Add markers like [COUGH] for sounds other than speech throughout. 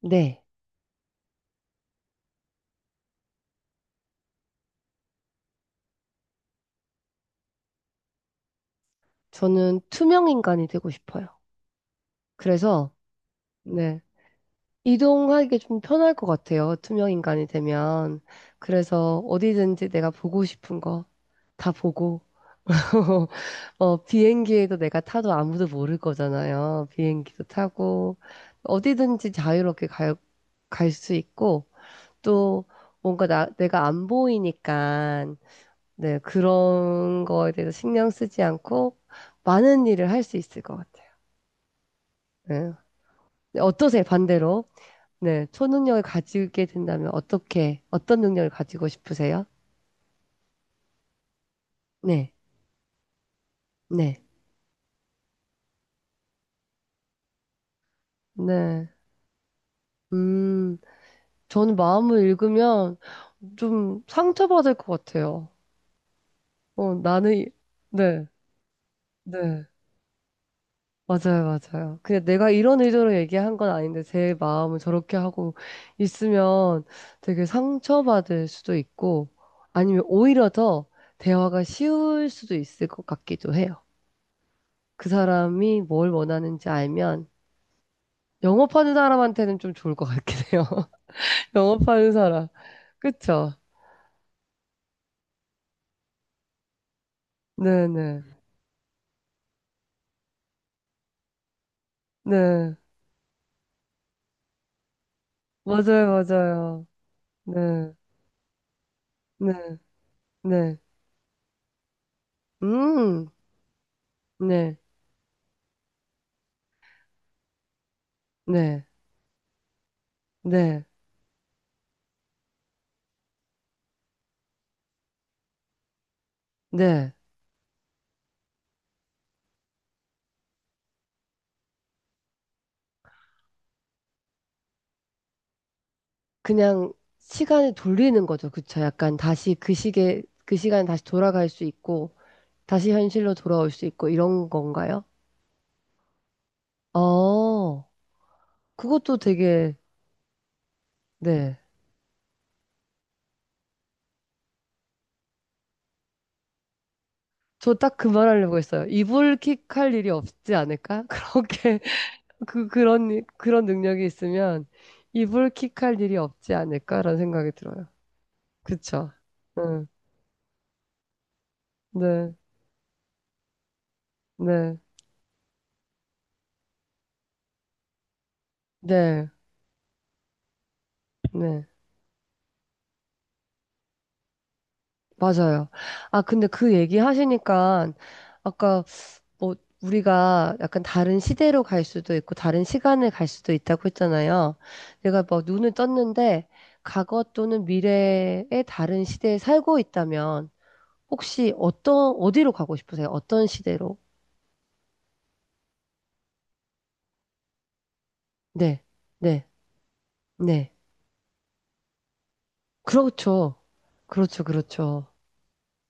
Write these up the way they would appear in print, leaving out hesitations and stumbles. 네. 저는 투명 인간이 되고 싶어요. 그래서, 네. 이동하기 좀 편할 것 같아요. 투명 인간이 되면. 그래서 어디든지 내가 보고 싶은 거 다 보고, [LAUGHS] 비행기에도 내가 타도 아무도 모를 거잖아요. 비행기도 타고, 어디든지 자유롭게 갈 수 있고, 또 내가 안 보이니까, 네, 그런 거에 대해서 신경 쓰지 않고 많은 일을 할 수 있을 것 같아요. 네. 네, 어떠세요, 반대로? 네, 초능력을 가지게 된다면 어떤 능력을 가지고 싶으세요? 네, 네, 네. 음, 저는 마음을 읽으면 좀 상처받을 것 같아요. 어, 나는, 이- 네, 네. 맞아요, 맞아요. 그냥 내가 이런 의도로 얘기한 건 아닌데 제 마음을 저렇게 하고 있으면 되게 상처받을 수도 있고 아니면 오히려 더 대화가 쉬울 수도 있을 것 같기도 해요. 그 사람이 뭘 원하는지 알면 영업하는 사람한테는 좀 좋을 것 같긴 해요. [LAUGHS] 영업하는 사람. 그쵸? 네네. 네. 네. 맞아요, 맞아요. 네. 네. 네. 음. 네. 네. 네. 네. 그냥 시간을 돌리는 거죠. 그쵸? 약간 다시 그 시간에 다시 돌아갈 수 있고, 다시 현실로 돌아올 수 있고, 이런 건가요? 어, 그것도 되게, 네. 저 딱 그 말하려고 했어요. 이불킥할 일이 없지 않을까? [LAUGHS] 그렇게 그런 능력이 있으면 이불킥할 일이 없지 않을까라는 생각이 들어요. 그쵸? 응, 네, 네, 네, 네, 맞아요. 근데 그 얘기 하시니까 아까 뭐 우리가 약간 다른 시대로 갈 수도 있고 다른 시간을 갈 수도 있다고 했잖아요. 내가 막 눈을 떴는데 과거 또는 미래의 다른 시대에 살고 있다면. 혹시 어디로 가고 싶으세요? 어떤 시대로? 네, 네, 네. 그렇죠. 그렇죠, 그렇죠.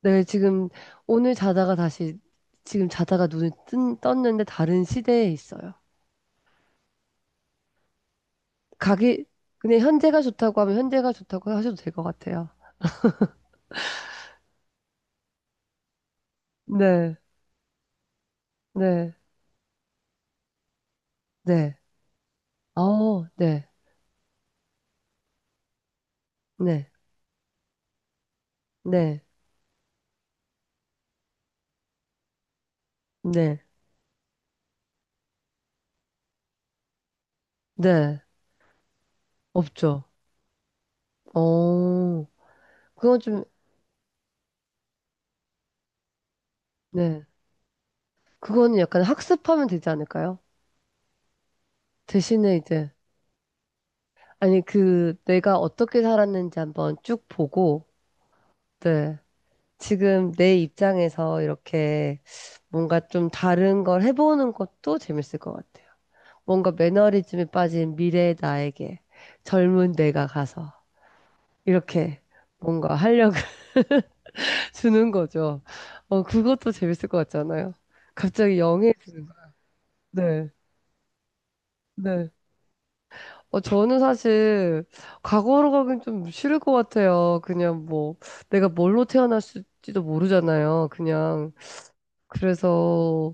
네, 지금 오늘 자다가 다시, 지금 자다가 떴는데 다른 시대에 있어요. 가기, 그냥 현재가 좋다고 하면 현재가 좋다고 하셔도 될 것 같아요. 네, 네, 네. 어, 네, 네, 네, 네, 네. 없죠. 어, 그건 좀, 네. 그거는 약간 학습하면 되지 않을까요? 대신에 이제, 아니, 그, 내가 어떻게 살았는지 한번 쭉 보고, 네. 지금 내 입장에서 이렇게 뭔가 좀 다른 걸 해보는 것도 재밌을 것 같아요. 뭔가 매너리즘에 빠진 미래의 나에게 젊은 내가 가서 이렇게 뭔가 활력을 [LAUGHS] 주는 거죠. 그것도 재밌을 것 같잖아요. 갑자기 영해지는 거. 네. 네. 저는 사실 과거로 가긴 좀 싫을 것 같아요. 그냥 뭐 내가 뭘로 태어났을지도 모르잖아요. 그냥 그래서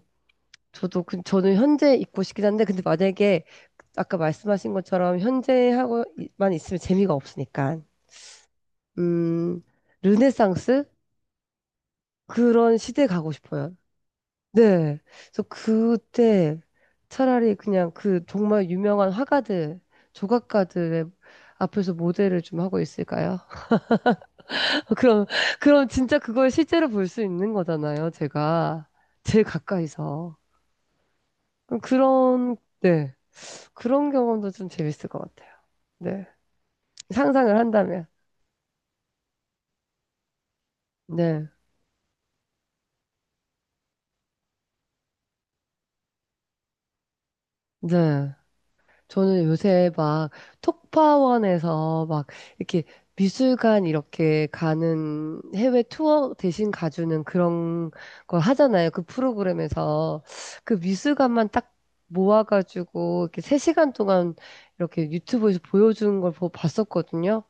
저는 현재 있고 싶긴 한데 근데 만약에 아까 말씀하신 것처럼 현재하고만 있으면 재미가 없으니까 음 르네상스 그런 시대 가고 싶어요. 네. 그래서 그때 차라리 그냥 그 정말 유명한 조각가들의 앞에서 모델을 좀 하고 있을까요? [LAUGHS] 그럼, 그럼 진짜 그걸 실제로 볼 수 있는 거잖아요, 제가. 제일 가까이서. 그런, 네. 그런 경험도 좀 재밌을 것 같아요. 네. 상상을 한다면. 네. 네. 저는 요새 막 톡파원에서 막 이렇게 미술관 이렇게 가는 해외 투어 대신 가주는 그런 걸 하잖아요. 그 프로그램에서 그 미술관만 딱 모아가지고 이렇게 세 시간 동안 이렇게 유튜브에서 보여주는 걸 봤었거든요.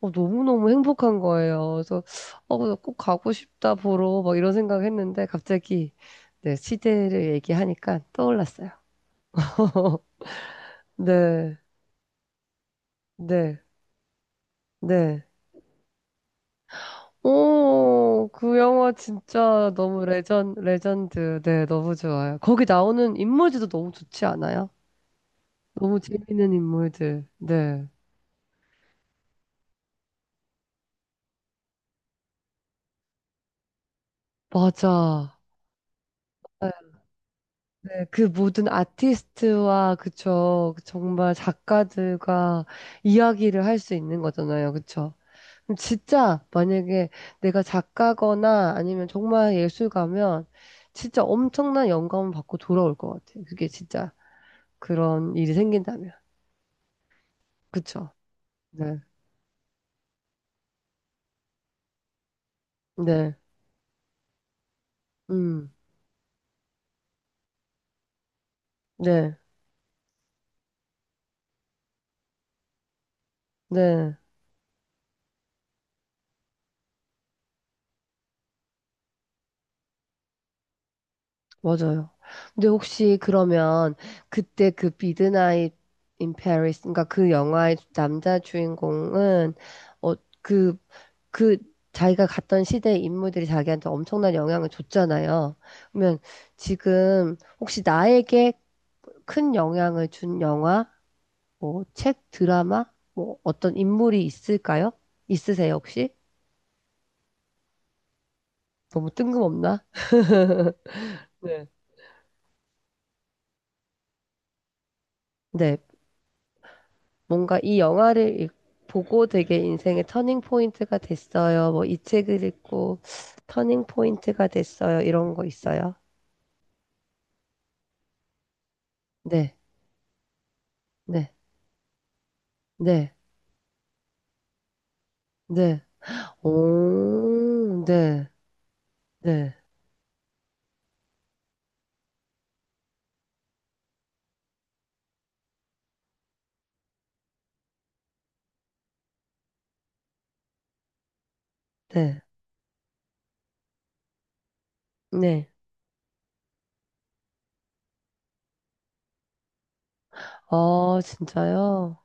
너무너무 행복한 거예요. 그래서 나꼭 가고 싶다 보러 막 이런 생각했는데 갑자기 네, 시대를 얘기하니까 떠올랐어요. [LAUGHS] 네. 네. 네. 오, 그 영화 진짜 너무 레전드. 네, 너무 좋아요. 거기 나오는 인물들도 너무 좋지 않아요? 너무 재밌는 인물들. 네. 맞아. 네, 네. 그 모든 아티스트와, 그쵸. 정말 작가들과 이야기를 할 수 있는 거잖아요. 그쵸. 그럼 진짜 만약에 내가 작가거나 아니면 정말 예술가면 진짜 엄청난 영감을 받고 돌아올 것 같아요. 그게 진짜 그런 일이 생긴다면. 그쵸. 네. 네. 음. 네. 네. 맞아요. 근데 혹시 그러면 그때 그 미드나잇 인 페리스 그러니까 그 영화의 남자 주인공은 어 그 그 자기가 갔던 시대의 인물들이 자기한테 엄청난 영향을 줬잖아요. 그러면 지금 혹시 나에게 큰 영향을 준 영화, 뭐 책, 드라마, 뭐 어떤 인물이 있을까요? 있으세요, 혹시? 너무 뜬금없나? 네. 네, 뭔가 보고 되게 인생의 터닝 포인트가 됐어요. 뭐 이 책을 읽고 터닝 포인트가 됐어요. 이런 거 있어요? 네, 네, 네, 네. 오, 네, 네, 네, 네. 아, 진짜요?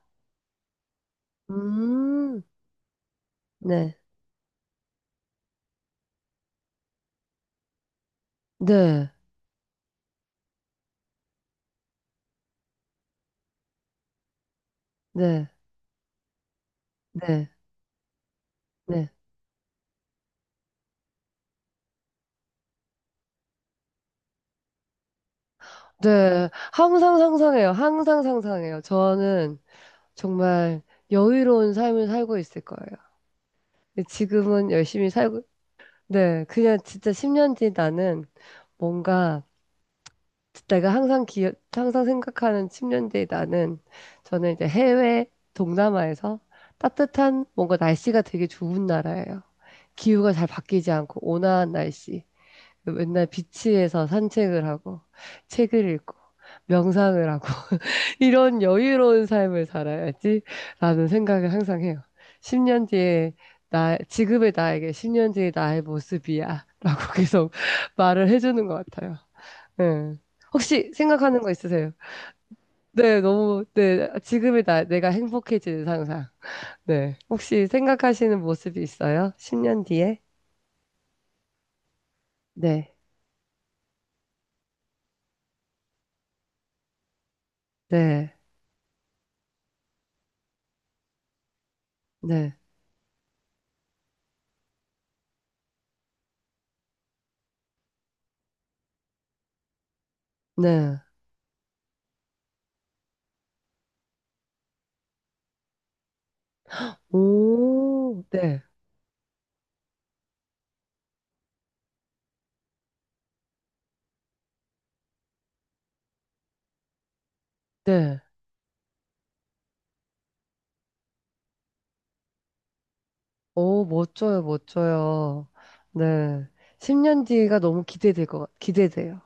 음, 네, 네, 네, 네, 네, 네. 항상 상상해요. 항상 상상해요. 저는 정말 여유로운 삶을 살고 있을 거예요. 지금은 열심히 살고 네, 그냥 진짜 10년 뒤 나는 뭔가 내가 항상 생각하는 10년 뒤 나는 저는 이제 해외 동남아에서 따뜻한 뭔가 날씨가 되게 좋은 나라예요. 기후가 잘 바뀌지 않고 온화한 날씨. 맨날 비치에서 산책을 하고 책을 읽고 명상을 하고 [LAUGHS] 이런 여유로운 삶을 살아야지라는 생각을 항상 해요. 10년 뒤에 나, 지금의 나에게 10년 뒤의 나의 모습이야. 라고 [LAUGHS] 계속 말을 해주는 것 같아요. 네. 혹시 생각하는 거 있으세요? 네, 너무, 네, 지금의 나, 내가 행복해지는 상상. 네. 혹시 생각하시는 모습이 있어요? 10년 뒤에? 네, 네, 네, 네. 오, 네, 네. 오, 멋져요, 멋져요. 네. 10년 뒤가 너무 기대될 기대돼요.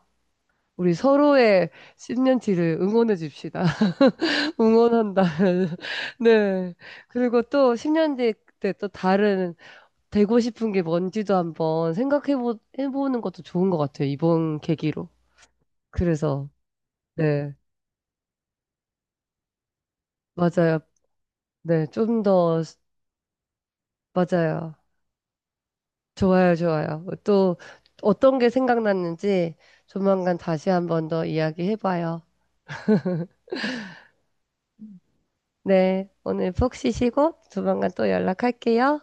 우리 서로의 10년 뒤를 응원해 줍시다. [LAUGHS] 응원한다면. [LAUGHS] 네. 그리고 또 10년 뒤에 때또 다른, 되고 싶은 게 뭔지도 한번 해보는 것도 좋은 것 같아요. 이번 계기로. 그래서, 네. 맞아요. 네. 좀 더, 맞아요. 좋아요, 좋아요. 또 어떤 게 생각났는지 조만간 다시 한번 더 이야기해봐요. 네, 오늘 푹 쉬시고 조만간 또 연락할게요.